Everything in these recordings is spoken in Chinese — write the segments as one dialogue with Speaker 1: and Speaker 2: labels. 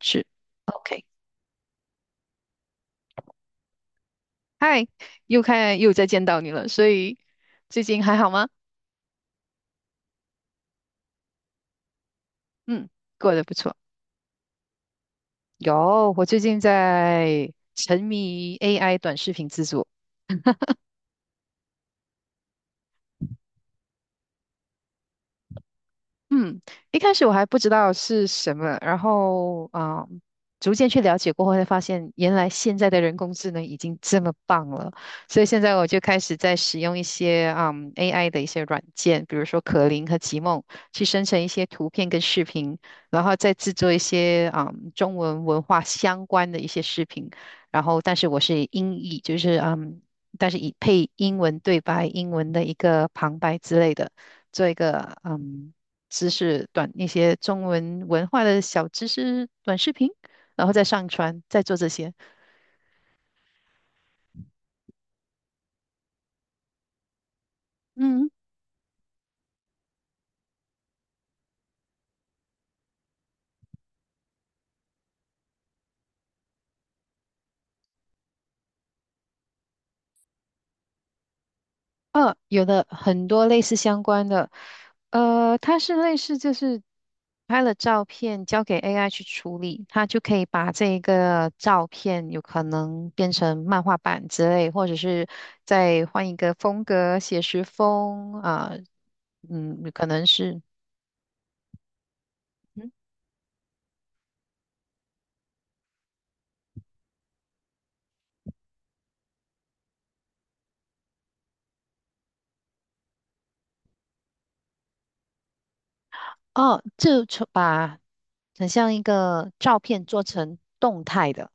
Speaker 1: 是，OK，嗨，又再见到你了，所以最近还好吗？嗯，过得不错。有，我最近在沉迷 AI 短视频制作。嗯，一开始我还不知道是什么，然后逐渐去了解过后，才发现原来现在的人工智能已经这么棒了。所以现在我就开始在使用一些AI 的一些软件，比如说可灵和极梦，去生成一些图片跟视频，然后再制作一些中文文化相关的一些视频。然后，但是我是英译，就是但是以配英文对白、英文的一个旁白之类的。做一个知识短那些中文文化的小知识短视频，然后再上传，再做这些。嗯，有的很多类似相关的，它是类似就是拍了照片交给 AI 去处理，它就可以把这个照片有可能变成漫画版之类，或者是再换一个风格，写实风啊，嗯，可能是。嗯哦，把很像一个照片做成动态的。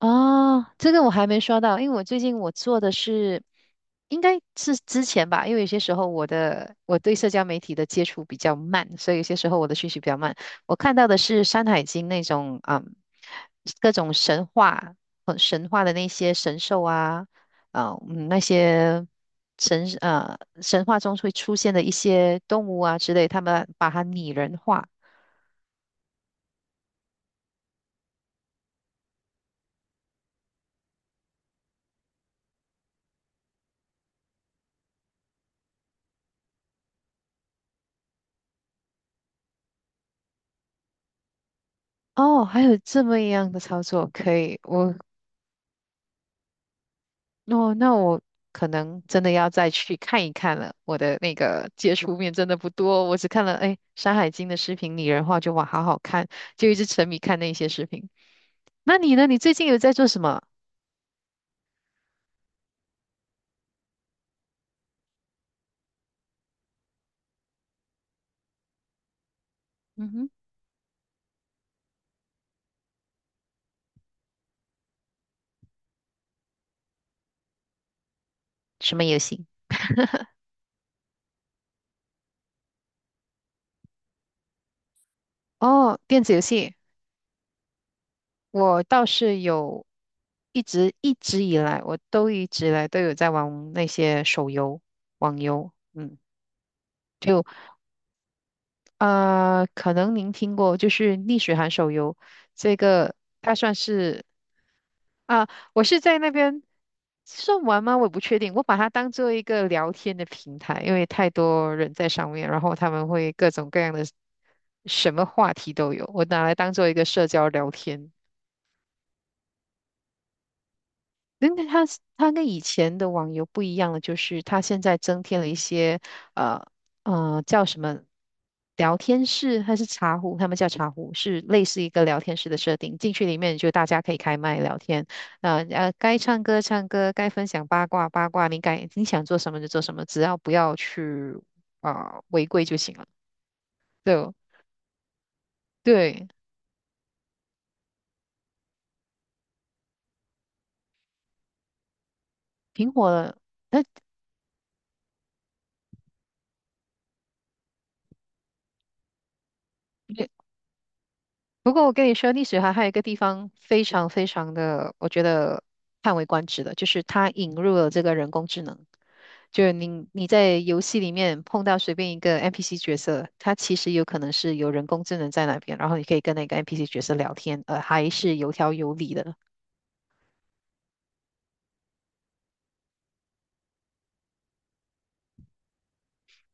Speaker 1: 哦，这个我还没刷到，因为我最近我做的是，应该是之前吧，因为有些时候我对社交媒体的接触比较慢，所以有些时候我的讯息比较慢。我看到的是《山海经》那种，嗯，各种神话，神话的那些神兽啊，那些神话中会出现的一些动物啊之类，他们把它拟人化。哦，还有这么一样的操作，可以，哦，那我可能真的要再去看一看了。我的那个接触面真的不多，我只看了哎《山海经》的视频，拟人化就哇好好看，就一直沉迷看那些视频。那你呢？你最近有在做什么？嗯哼，什么游戏？哦，电子游戏，我倒是有一直一直以来，我都一直以来都有在玩那些手游、网游。嗯，可能您听过，就是逆水寒手游，这个它算是。啊，我是在那边算玩吗？我也不确定。我把它当做一个聊天的平台，因为太多人在上面，然后他们会各种各样的什么话题都有，我拿来当做一个社交聊天。那个它跟以前的网游不一样的，就是它现在增添了一些呃叫什么聊天室还是茶壶，他们叫茶壶，是类似一个聊天室的设定。进去里面就大家可以开麦聊天，那该唱歌唱歌，该分享八卦八卦，你该你想做什么就做什么，只要不要去违规就行了。对对，挺火的。它不过我跟你说，历史还有一个地方非常非常的，我觉得叹为观止的，就是它引入了这个人工智能。就是你在游戏里面碰到随便一个 NPC 角色，它其实有可能是有人工智能在那边，然后你可以跟那个 NPC 角色聊天，还是有条有理的。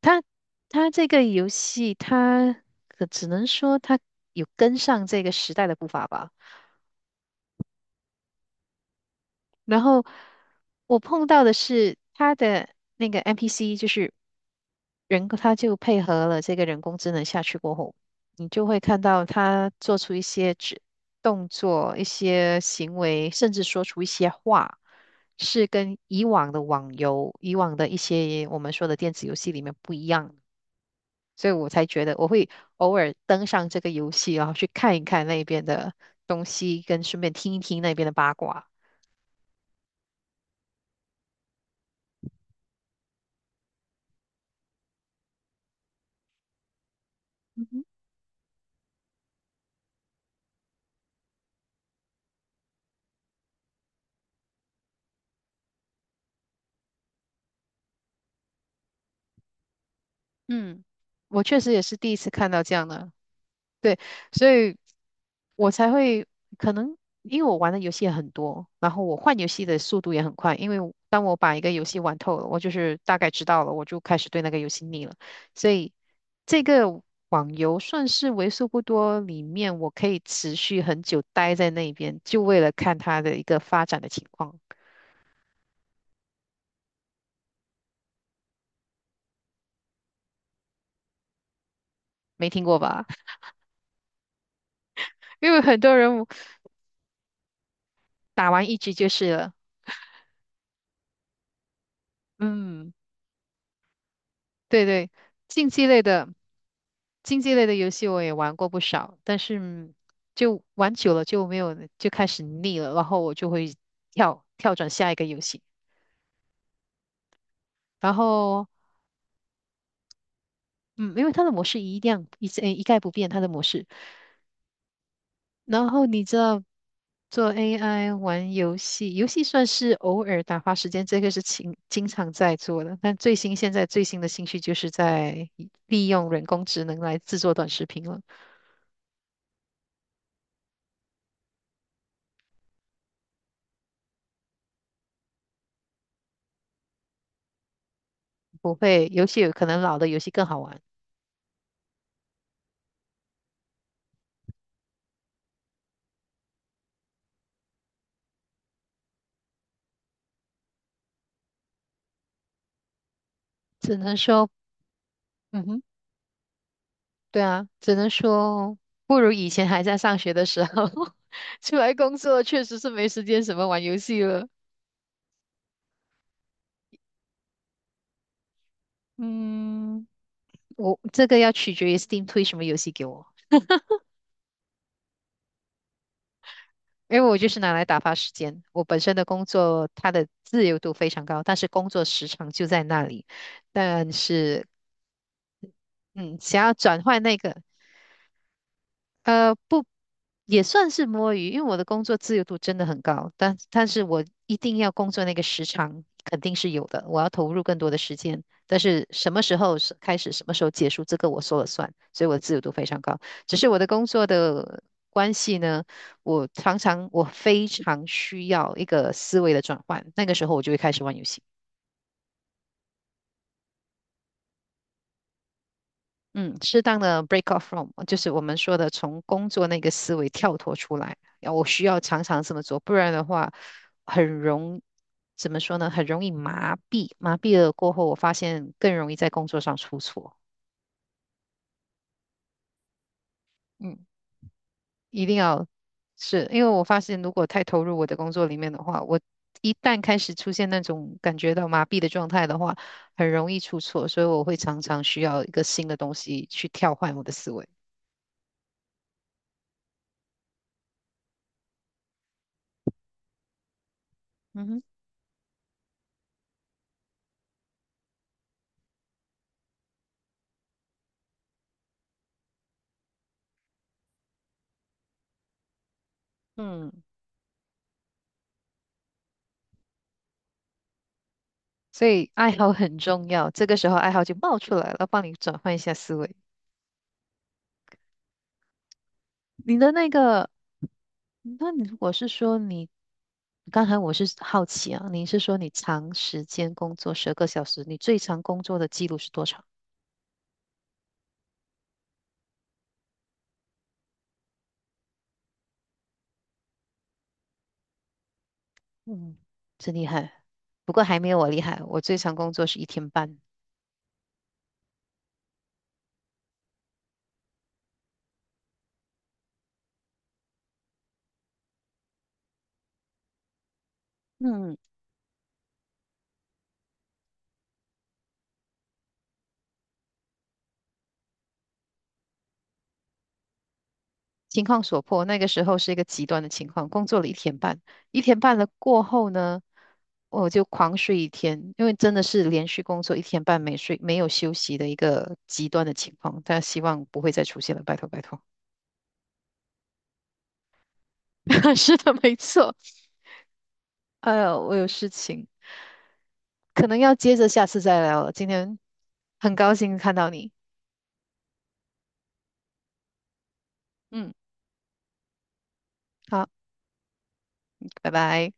Speaker 1: 它它这个游戏，它只能说它有跟上这个时代的步伐吧。然后我碰到的是他的那个 NPC，就是人他就配合了这个人工智能下去过后，你就会看到他做出一些动作、一些行为，甚至说出一些话，是跟以往的网游、以往的一些我们说的电子游戏里面不一样的，所以我才觉得我会偶尔登上这个游戏，然后去看一看那边的东西，跟顺便听一听那边的八卦。嗯，我确实也是第一次看到这样的，对，所以我才会可能因为我玩的游戏也很多，然后我换游戏的速度也很快，因为当我把一个游戏玩透了，我就是大概知道了，我就开始对那个游戏腻了，所以这个网游算是为数不多里面我可以持续很久待在那边，就为了看它的一个发展的情况，没听过吧？因为很多人打完一局就是了，嗯，对对。竞技类的。竞技类的游戏我也玩过不少，但是就玩久了就没有，就开始腻了，然后我就会转下一个游戏。然后，嗯，因为它的模式一样一直一概不变，它的模式。然后你知道，做 AI 玩游戏，游戏算是偶尔打发时间，这个是经常在做的。但现在最新的兴趣就是在利用人工智能来制作短视频了。不会，游戏有可能老的游戏更好玩，只能说。嗯哼。对啊，只能说不如以前还在上学的时候，出来工作确实是没时间什么玩游戏了。嗯，我这个要取决于 Steam 推什么游戏给我，因为我就是拿来打发时间。我本身的工作它的自由度非常高，但是工作时长就在那里。但是，嗯，想要转换那个。不，也算是摸鱼，因为我的工作自由度真的很高，但是我一定要工作那个时长肯定是有的，我要投入更多的时间，但是什么时候是开始，什么时候结束，这个我说了算，所以我的自由度非常高。只是我的工作的关系呢，我非常需要一个思维的转换，那个时候我就会开始玩游戏。嗯，适当的 break off from，就是我们说的从工作那个思维跳脱出来。然后我需要常常这么做，不然的话，很容，怎么说呢？很容易麻痹，麻痹了过后，我发现更容易在工作上出错。嗯，一定要。是因为我发现，如果太投入我的工作里面的话，我一旦开始出现那种感觉到麻痹的状态的话，很容易出错，所以我会常常需要一个新的东西去跳换我的思维。嗯哼。嗯。所以爱好很重要，这个时候爱好就冒出来了，帮你转换一下思维。你的那个，那你如果是说你，刚才我是好奇啊，你是说你长时间工作10个小时，你最长工作的记录是多长？嗯，真厉害，不过还没有我厉害，我最长工作是一天半。嗯。情况所迫，那个时候是一个极端的情况，工作了一天半，一天半了过后呢，我就狂睡一天，因为真的是连续工作一天半没睡，没有休息的一个极端的情况，但希望不会再出现了，拜托拜托。是的，没错。哎呦，我有事情，可能要接着下次再聊了。今天很高兴看到你，嗯，好，拜拜。